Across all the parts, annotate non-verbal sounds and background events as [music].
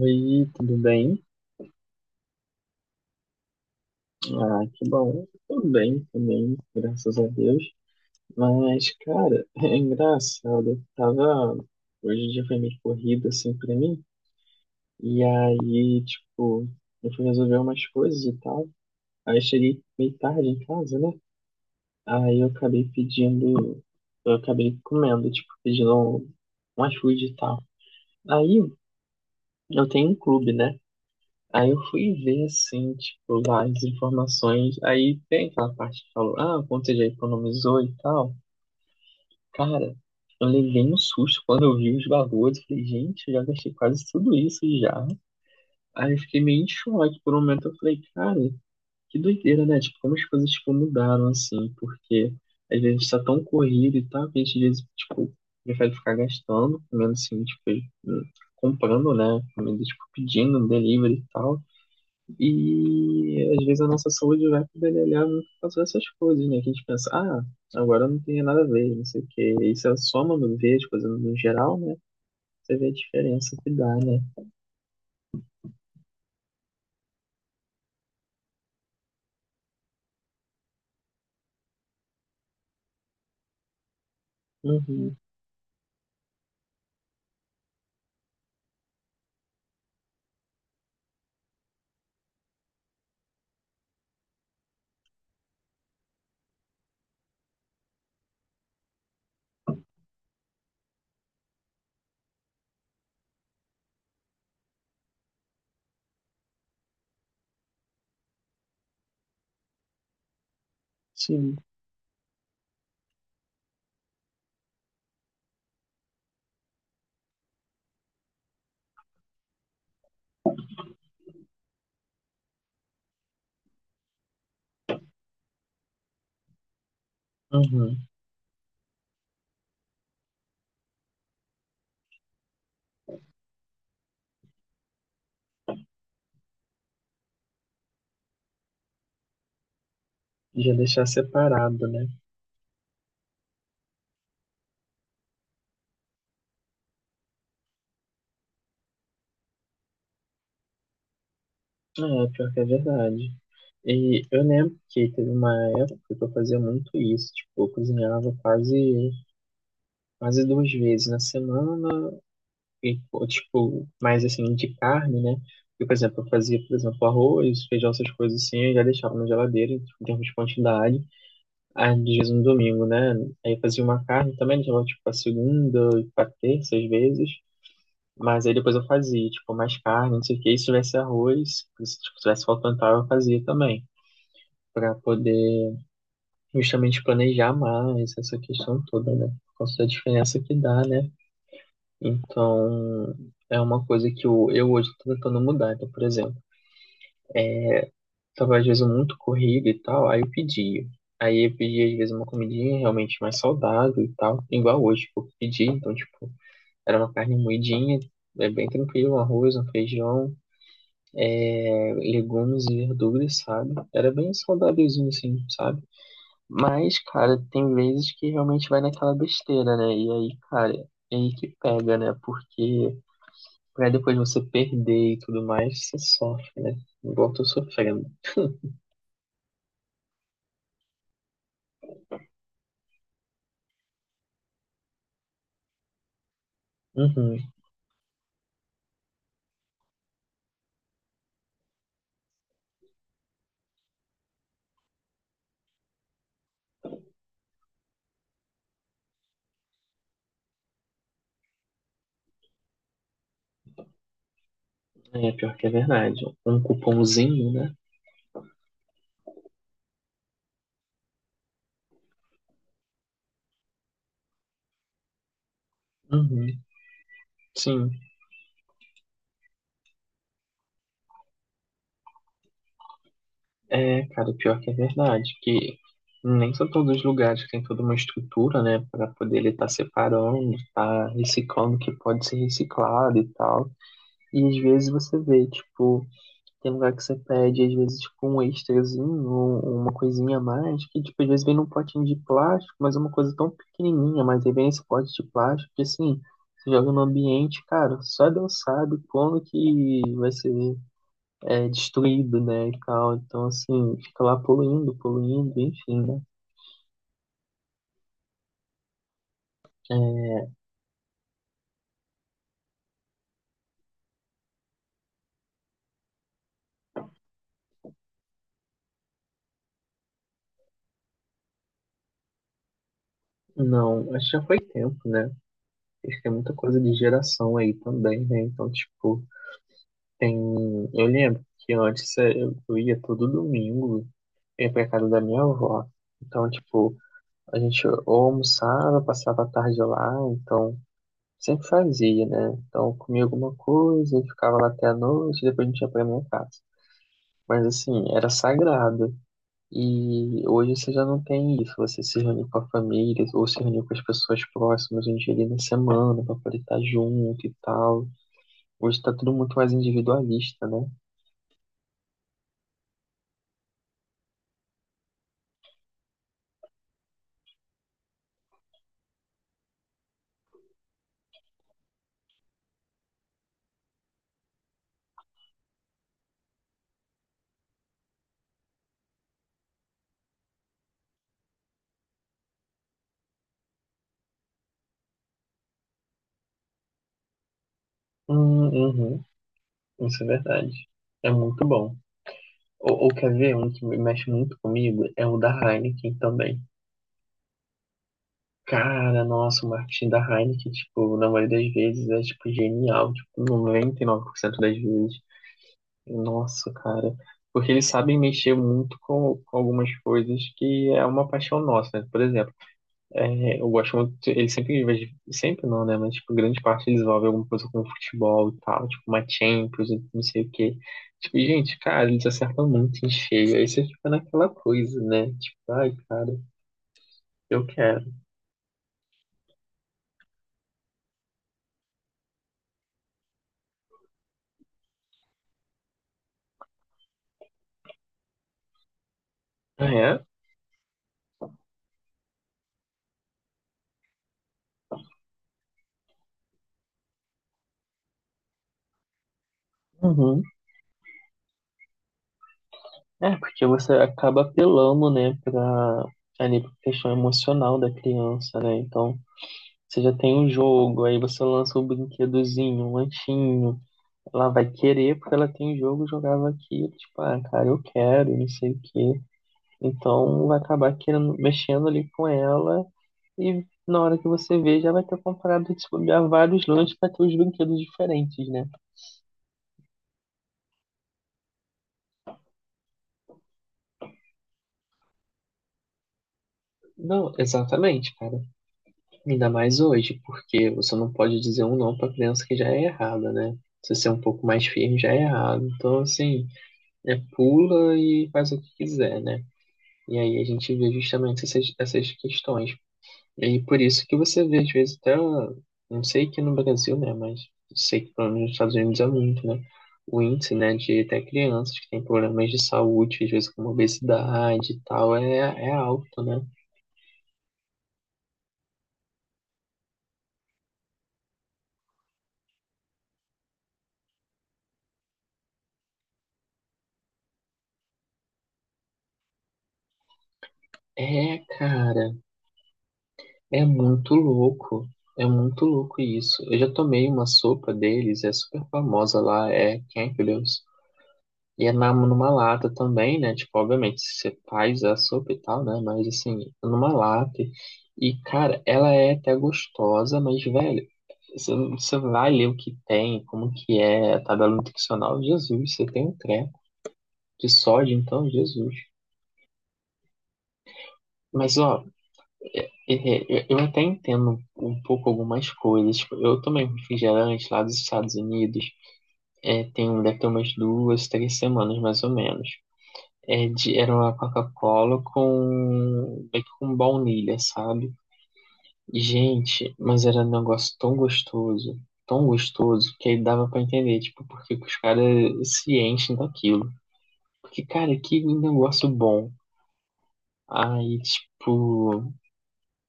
Oi, tudo bem? Ah, que bom. Tudo bem também, graças a Deus. Mas, cara, [laughs] é engraçado. Eu tava. Hoje o dia foi meio corrido, assim, pra mim. E aí, tipo, eu fui resolver umas coisas e tal. Aí eu cheguei meio tarde em casa, né? Aí eu acabei pedindo. Eu acabei comendo, tipo, pedindo um iFood e tal. Aí eu tenho um clube, né? Aí eu fui ver, assim, tipo, lá as informações. Aí tem aquela parte que falou, ah, quanto você já economizou e tal. Cara, eu levei um susto quando eu vi os valores. Eu falei, gente, eu já gastei quase tudo isso já. Aí eu fiquei meio em choque por um momento. Eu falei, cara, que doideira, né? Tipo, como as coisas, tipo, mudaram, assim. Porque às vezes a gente tá tão corrido e tal, que a gente, às vezes, tipo, prefere ficar gastando. Pelo menos, assim, tipo, comprando, né? Comida, tipo, pedindo um delivery e tal e às vezes a nossa saúde vai pedalhar muito por causa dessas coisas, né? Que a gente pensa, ah, agora não tem nada a ver, não sei o quê. E se a soma não vê as coisas no geral, né? Você vê a diferença que dá, né? Uhum, sim. Uhum. Já deixar separado, né? Ah, é, pior que é verdade. E eu lembro que teve uma época que eu fazia muito isso, tipo, eu cozinhava quase duas vezes na semana e, pô, tipo, mais assim, de carne, né? Eu, por exemplo, eu fazia, por exemplo, arroz, feijão, essas coisas assim, eu já deixava na geladeira, tipo, em termos de quantidade. Aí, às vezes, no domingo, né? Aí eu fazia uma carne também, deixava, tipo, pra segunda, pra terça, às vezes. Mas aí depois eu fazia, tipo, mais carne, não sei o quê. E se tivesse arroz, se tipo, tivesse faltando tal, eu fazia também. Pra poder justamente planejar mais essa questão toda, né? Por causa da diferença que dá, né? Então, é uma coisa que eu hoje estou tentando mudar. Então, por exemplo, estava às vezes muito corrido e tal, aí eu pedia. Aí eu pedia às vezes uma comidinha realmente mais saudável e tal, igual hoje que eu pedi. Então, tipo, era uma carne moidinha, é bem tranquilo, um arroz, um feijão, é, legumes e verduras, sabe? Era bem saudávelzinho assim, sabe? Mas, cara, tem vezes que realmente vai naquela besteira, né? E aí, cara, é aí que pega, né? Porque pra depois você perder e tudo mais, você sofre, né? Igual eu tô sofrendo. Uhum. É, pior que é verdade. Um cupomzinho, né? Uhum. Sim. É, cara, pior que é verdade. Que nem são todos os lugares que tem toda uma estrutura, né? Pra poder ele tá separando, tá reciclando o que pode ser reciclado e tal. E às vezes você vê, tipo, tem lugar que você pede, às vezes, tipo, um extrazinho, ou uma coisinha a mais, que, tipo, às vezes vem num potinho de plástico, mas é uma coisa tão pequenininha, mas aí vem esse pote de plástico, que, assim, você joga no ambiente, cara, só Deus sabe como que vai ser é, destruído, né, e tal. Então, assim, fica lá poluindo, poluindo, enfim, né. É, não, acho que já foi tempo, né. Acho que é muita coisa de geração aí também, né. Então, tipo, tem... Eu lembro que antes é, eu ia todo domingo ia pra casa da minha avó. Então, tipo, a gente ou almoçava, passava a tarde lá, então sempre fazia, né? Então, eu comia alguma coisa e ficava lá até a noite, depois a gente ia pra minha casa. Mas assim, era sagrado. E hoje você já não tem isso, você se reuniu com a família, ou se reuniu com as pessoas próximas um dia ali na semana pra poder estar junto e tal. Hoje tá tudo muito mais individualista, né? Hum, uhum, isso é verdade. É muito bom. Ou quer ver um que me mexe muito comigo? É o da Heineken também. Cara, nossa, o marketing da Heineken, tipo, na maioria das vezes é, tipo, genial. Tipo, 99% das vezes. Nossa, cara. Porque eles sabem mexer muito com algumas coisas que é uma paixão nossa, né? Por exemplo, é, eu gosto muito, ele sempre, sempre não, né? Mas, tipo, grande parte eles envolvem alguma coisa com futebol e tal, tipo, uma Champions, não sei o quê. Tipo, gente, cara, eles acertam muito em cheio. Aí você fica naquela coisa, né? Tipo, ai, cara, eu quero. Ah, é, uhum. É, porque você acaba apelando, né, pra, ali, pra questão emocional da criança, né? Então, você já tem um jogo, aí você lança um brinquedozinho, um lanchinho. Ela vai querer porque ela tem jogo, jogava aqui, tipo, ah, cara, eu quero, não sei o quê. Então vai acabar querendo, mexendo ali com ela e na hora que você vê já vai ter comprado, tipo, já vários lanches para ter os brinquedos diferentes, né? Não, exatamente, cara. Ainda mais hoje, porque você não pode dizer um não para criança que já é errada, né? Se você é um pouco mais firme, já é errado. Então, assim, é pula e faz o que quiser, né? E aí a gente vê justamente essas questões. E por isso que você vê, às vezes, até, não sei que no Brasil, né, mas sei que pelo menos nos Estados Unidos é muito, né, o índice, né, de até crianças que têm problemas de saúde, às vezes como obesidade e tal, é, é alto, né? É, cara, é muito louco, é muito louco isso. Eu já tomei uma sopa deles, é super famosa lá, é Campbell's. E é na, numa lata também, né? Tipo, obviamente, você faz a sopa e tal, né? Mas assim, numa lata. E, cara, ela é até gostosa, mas, velho, você vai ler o que tem, como que é a tabela nutricional, Jesus, você tem um treco de sódio, então, Jesus. Mas, ó, eu até entendo um pouco algumas coisas. Tipo, eu tomei um refrigerante lá dos Estados Unidos, é, tem, deve ter umas duas, três semanas, mais ou menos. É de, era uma Coca-Cola com, meio que com baunilha, sabe? Gente, mas era um negócio tão gostoso, que aí dava pra entender, tipo, porque os caras se enchem daquilo. Porque, cara, que negócio bom. Aí, tipo,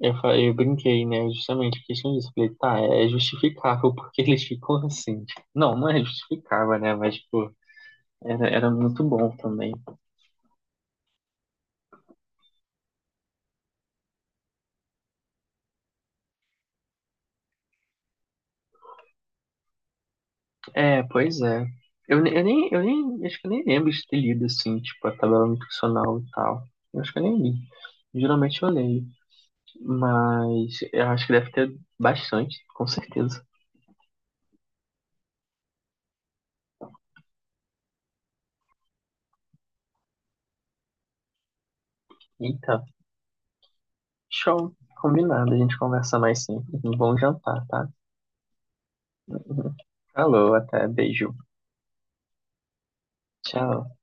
eu, eu brinquei, né? Justamente por questão disso. Falei, tá, é justificável porque [laughs] eles ficam assim. Não, não é justificável, né? Mas, tipo, era, era muito bom também. É, pois é. Eu, ne- eu nem, Acho que eu nem lembro de ter lido, assim, tipo, a tabela nutricional e tal. Eu acho que eu nem li. Geralmente eu leio, mas eu acho que deve ter bastante, com certeza. Eita, show. Combinado, a gente conversa mais sim. Um bom jantar, tá? Falou, até, beijo. Tchau.